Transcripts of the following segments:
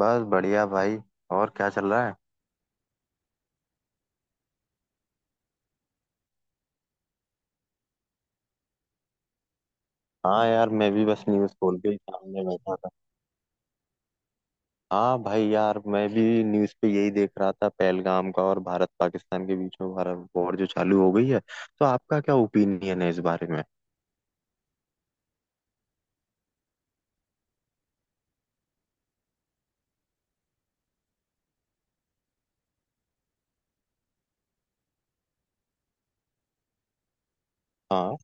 बस बढ़िया भाई। और क्या चल रहा है? हाँ यार, मैं भी बस न्यूज़ खोल के ही सामने बैठा था। हाँ भाई यार, मैं भी न्यूज़ पे यही देख रहा था पहलगाम का, और भारत पाकिस्तान के बीच में भारत वॉर जो चालू हो गई है। तो आपका क्या ओपिनियन है इस बारे में? हाँ।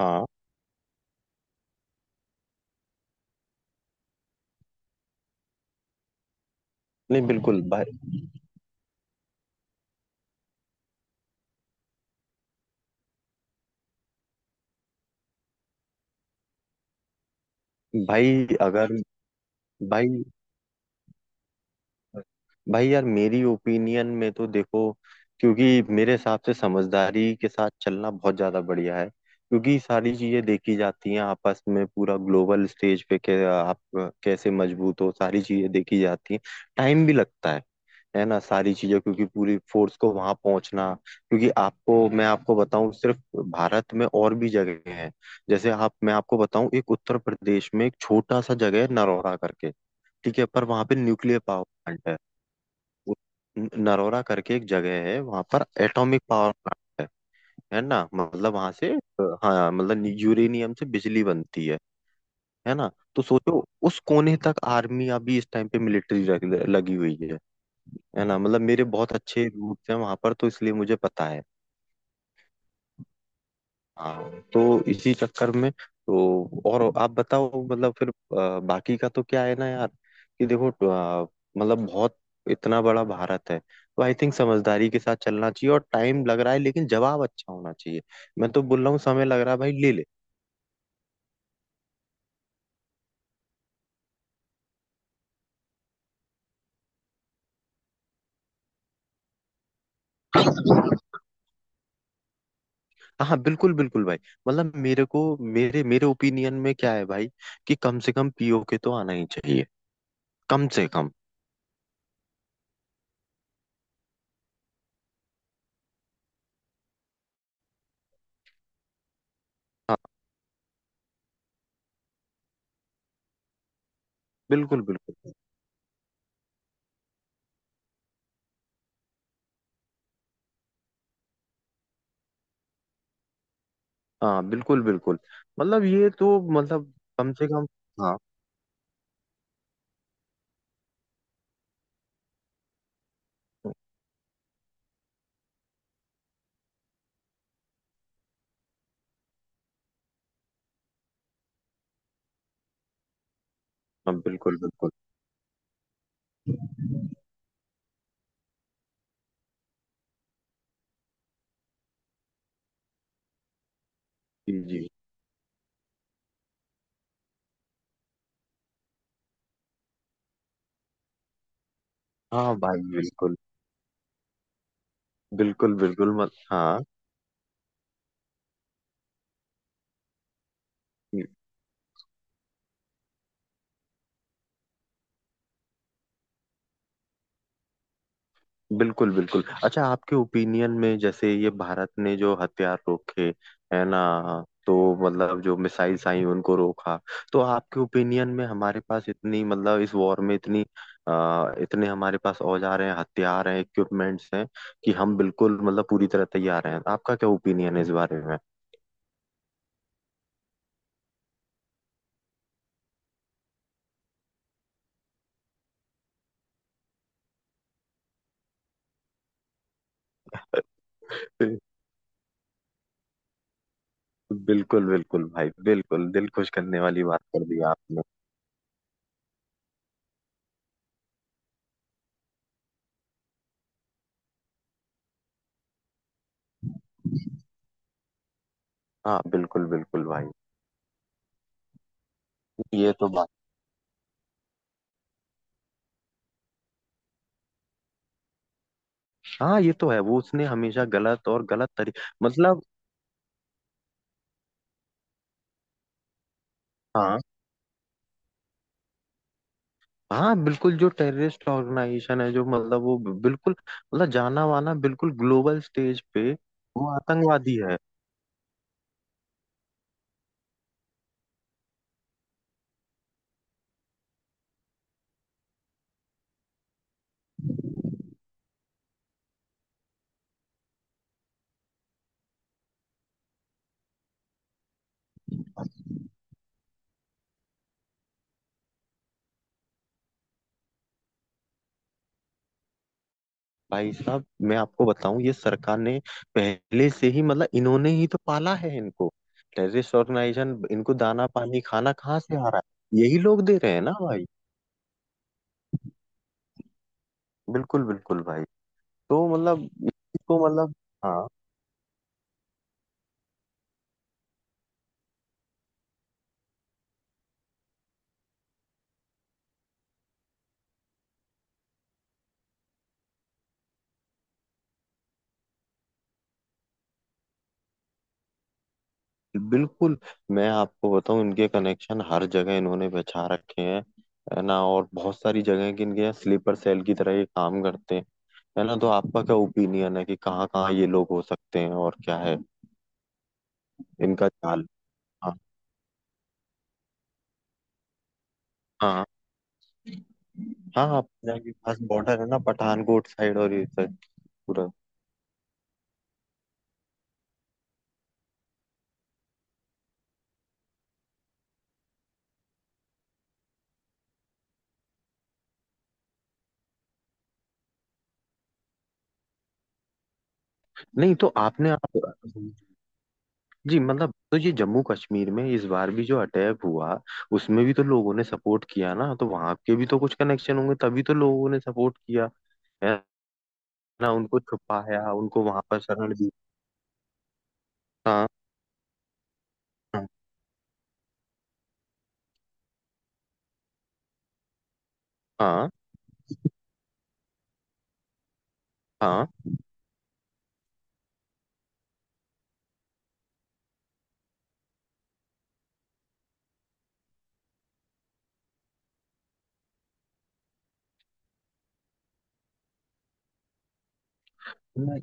हाँ। नहीं, बिल्कुल भाई। भाई अगर। भाई। भाई यार, मेरी ओपिनियन में तो देखो, क्योंकि मेरे हिसाब से समझदारी के साथ चलना बहुत ज्यादा बढ़िया है। क्योंकि सारी चीजें देखी जाती हैं आपस में, पूरा ग्लोबल स्टेज पे के आप कैसे मजबूत हो, सारी चीजें देखी जाती हैं। टाइम भी लगता है ना। सारी चीजें, क्योंकि पूरी फोर्स को वहां पहुंचना, क्योंकि आपको मैं आपको बताऊं, सिर्फ भारत में और भी जगह हैं। जैसे आप, मैं आपको बताऊं, एक उत्तर प्रदेश में एक छोटा सा जगह है नरौरा करके। ठीक है, पर वहां पे न्यूक्लियर पावर प्लांट है। वो नरोरा करके एक जगह है, वहां पर एटॉमिक पावर प्लांट है। है ना, मतलब वहां से। हाँ, मतलब यूरेनियम से बिजली बनती है। है ना। तो सोचो, उस कोने तक आर्मी अभी इस टाइम पे मिलिट्री लगी हुई है। है ना, मतलब मेरे बहुत अच्छे रूट्स हैं वहां पर, तो इसलिए मुझे पता है। हाँ, तो इसी चक्कर में। तो और आप बताओ, मतलब फिर बाकी का तो क्या है ना यार। कि देखो, मतलब बहुत, इतना बड़ा भारत है, तो आई थिंक समझदारी के साथ चलना चाहिए, और टाइम लग रहा है, लेकिन जवाब अच्छा होना चाहिए। मैं तो बोल रहा हूँ समय लग रहा है भाई, ले ले। बट। हाँ हाँ, बिल्कुल बिल्कुल भाई। मतलब मेरे को, मेरे मेरे ओपिनियन में क्या है भाई, कि कम से कम पीओके तो आना ही चाहिए। कम से कम। हाँ, बिल्कुल बिल्कुल। हाँ बिल्कुल बिल्कुल, मतलब ये तो मतलब कम से कम। हाँ हाँ, बिल्कुल बिल्कुल। जी जी। हाँ भाई, बिल्कुल। बिल्कुल बिल्कुल मत हाँ। बिल्कुल बिल्कुल, अच्छा आपके ओपिनियन में जैसे ये भारत ने जो हथियार रोके, है ना, तो मतलब जो मिसाइल्स आई उनको रोका, तो आपके ओपिनियन में हमारे पास इतनी, मतलब इस वॉर में इतनी, इतने हमारे पास औजार हैं, हथियार हैं, इक्विपमेंट्स हैं कि हम बिल्कुल, मतलब पूरी तरह तैयार हैं, आपका क्या ओपिनियन है इस बारे में? बिल्कुल बिल्कुल भाई, बिल्कुल दिल खुश करने वाली बात कर दी आपने। हाँ बिल्कुल बिल्कुल भाई। ये तो बात। हाँ ये तो है, वो उसने हमेशा गलत और गलत तरी। मतलब। हाँ हाँ, बिल्कुल, जो टेररिस्ट ऑर्गेनाइजेशन है, जो मतलब वो बिल्कुल, मतलब जाना माना, बिल्कुल ग्लोबल स्टेज पे। वो आतंकवादी है। भाई साहब, मैं आपको बताऊं, ये सरकार ने पहले से ही, मतलब इन्होंने ही तो पाला है इनको, टेररिस्ट ऑर्गेनाइजेशन, इनको दाना पानी खाना कहाँ से आ रहा है, यही लोग दे रहे हैं ना भाई। बिल्कुल बिल्कुल भाई। तो मतलब इसको मतलब। हाँ। बिल्कुल। मैं आपको बताऊं, इनके कनेक्शन हर जगह इन्होंने बिछा रखे हैं, है ना, और बहुत सारी जगह के इनके यहाँ स्लीपर सेल की तरह ये काम करते हैं। है ना, तो आपका क्या ओपिनियन है कि कहाँ कहाँ ये लोग हो सकते हैं, और क्या है इनका चाल? हाँ हाँ। हाँ हाँ, पंजाब के पास बॉर्डर है ना, पठानकोट साइड और ये साइड पूरा। नहीं, तो आपने आप। जी, मतलब तो ये जम्मू कश्मीर में इस बार भी जो अटैक हुआ, उसमें भी तो लोगों ने सपोर्ट किया ना, तो वहां के भी तो कुछ कनेक्शन होंगे, तभी तो लोगों ने सपोर्ट किया है। ना, उनको छुपाया, उनको वहां पर शरण दी। हाँ। हाँ। हाँ। हाँ। नहीं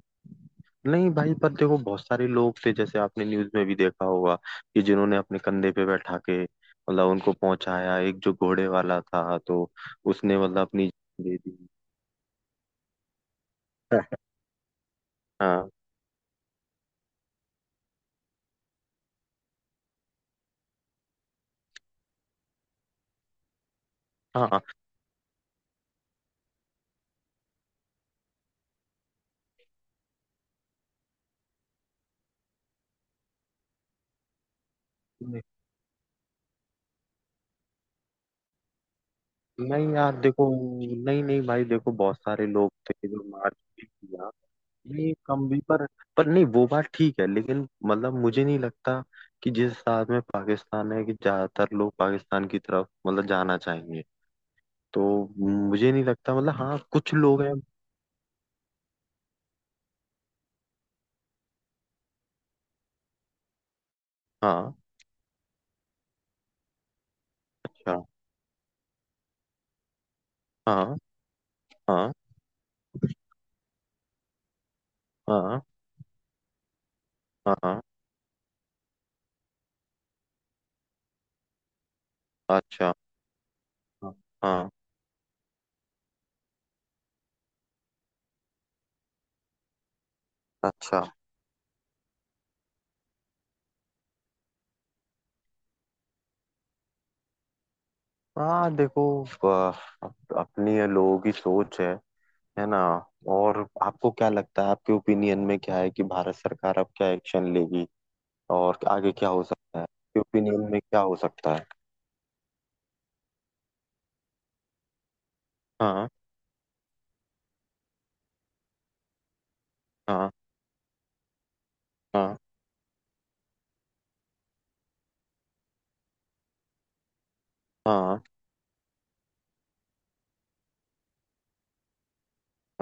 नहीं भाई, पर देखो बहुत सारे लोग थे, जैसे आपने न्यूज में भी देखा होगा, कि जिन्होंने अपने कंधे पे बैठा के मतलब उनको पहुंचाया, एक जो घोड़े वाला था, तो उसने मतलब अपनी जान दे दी। हाँ। हाँ। नहीं यार, देखो। नहीं नहीं भाई, देखो बहुत सारे लोग थे जो मार्च भी किया। नहीं, कम भी पर। पर नहीं, वो बात ठीक है, लेकिन मतलब मुझे नहीं लगता कि जिस हिसाब में पाकिस्तान है कि ज्यादातर लोग पाकिस्तान की तरफ मतलब जाना चाहेंगे। तो मुझे नहीं लगता, मतलब हाँ कुछ लोग हैं। हाँ। अच्छा। हाँ। हाँ। हाँ। हाँ। अच्छा। हाँ। हाँ, अच्छा। हाँ देखो, अपनी ये लोगों की सोच है। है ना। और आपको क्या लगता है, आपके ओपिनियन में क्या है कि भारत सरकार अब क्या एक्शन लेगी, और आगे क्या हो सकता है, आपके ओपिनियन में क्या हो सकता है? हाँ। हाँ। हाँ। हाँ।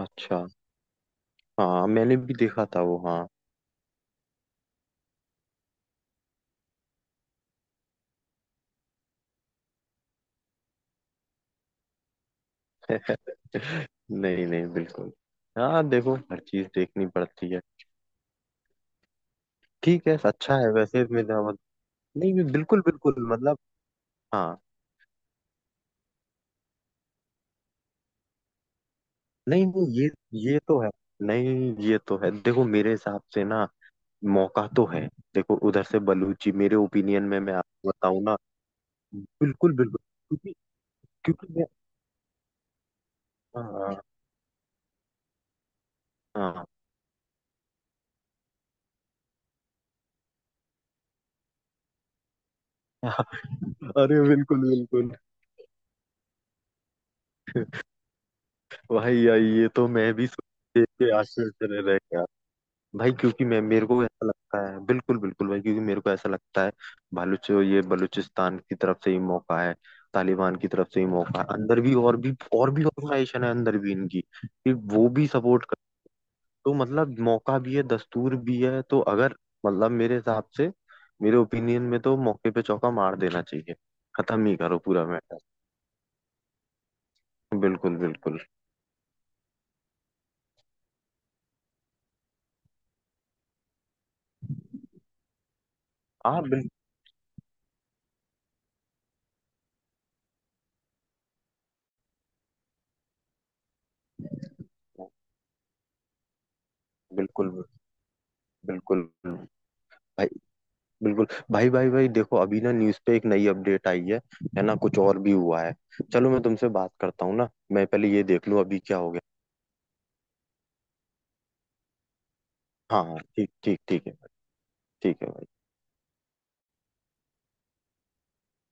अच्छा। हाँ, मैंने भी देखा था वो, हाँ। नहीं नहीं, बिल्कुल। हाँ देखो, हर चीज देखनी पड़ती है। ठीक है, अच्छा है, वैसे मेरा। नहीं नहीं, बिल्कुल बिल्कुल, मतलब। हाँ। नहीं नहीं, ये तो है। नहीं, ये तो है, देखो मेरे हिसाब से ना, मौका तो है। देखो उधर से बलूची, मेरे ओपिनियन में, मैं आपको बताऊं ना। बिल्कुल बिल्कुल। क्योंकि क्योंकि मैं। हाँ हाँ। हाँ। अरे बिल्कुल बिल्कुल, भाई यार ये तो मैं भी सोच, देख के आश्चर्य रह गया। भाई, क्योंकि मैं मेरे को ऐसा लगता है, बिल्कुल बिल्कुल भाई, क्योंकि मेरे को ऐसा लगता है बलूच, ये बलूचिस्तान की तरफ से ही मौका है। तालिबान की तरफ से ही मौका है, अंदर भी, और भी ऑर्गेनाइजेशन है अंदर भी इनकी, कि वो भी सपोर्ट। तो मतलब मौका भी है, दस्तूर भी है, तो अगर मतलब मेरे हिसाब से, मेरे ओपिनियन में तो मौके पे चौका मार देना चाहिए, खत्म ही करो पूरा मैटर। बिल्कुल बिल्कुल। हाँ बिल्कुल बिल्कुल बिल्कुल भाई, बिल्कुल। भाई भाई भाई, देखो अभी ना न्यूज़ पे एक नई अपडेट आई है ना, कुछ और भी हुआ है। चलो मैं तुमसे बात करता हूँ ना, मैं पहले ये देख लूँ अभी क्या हो गया। हाँ हाँ, ठीक ठीक, ठीक है भाई, ठीक है।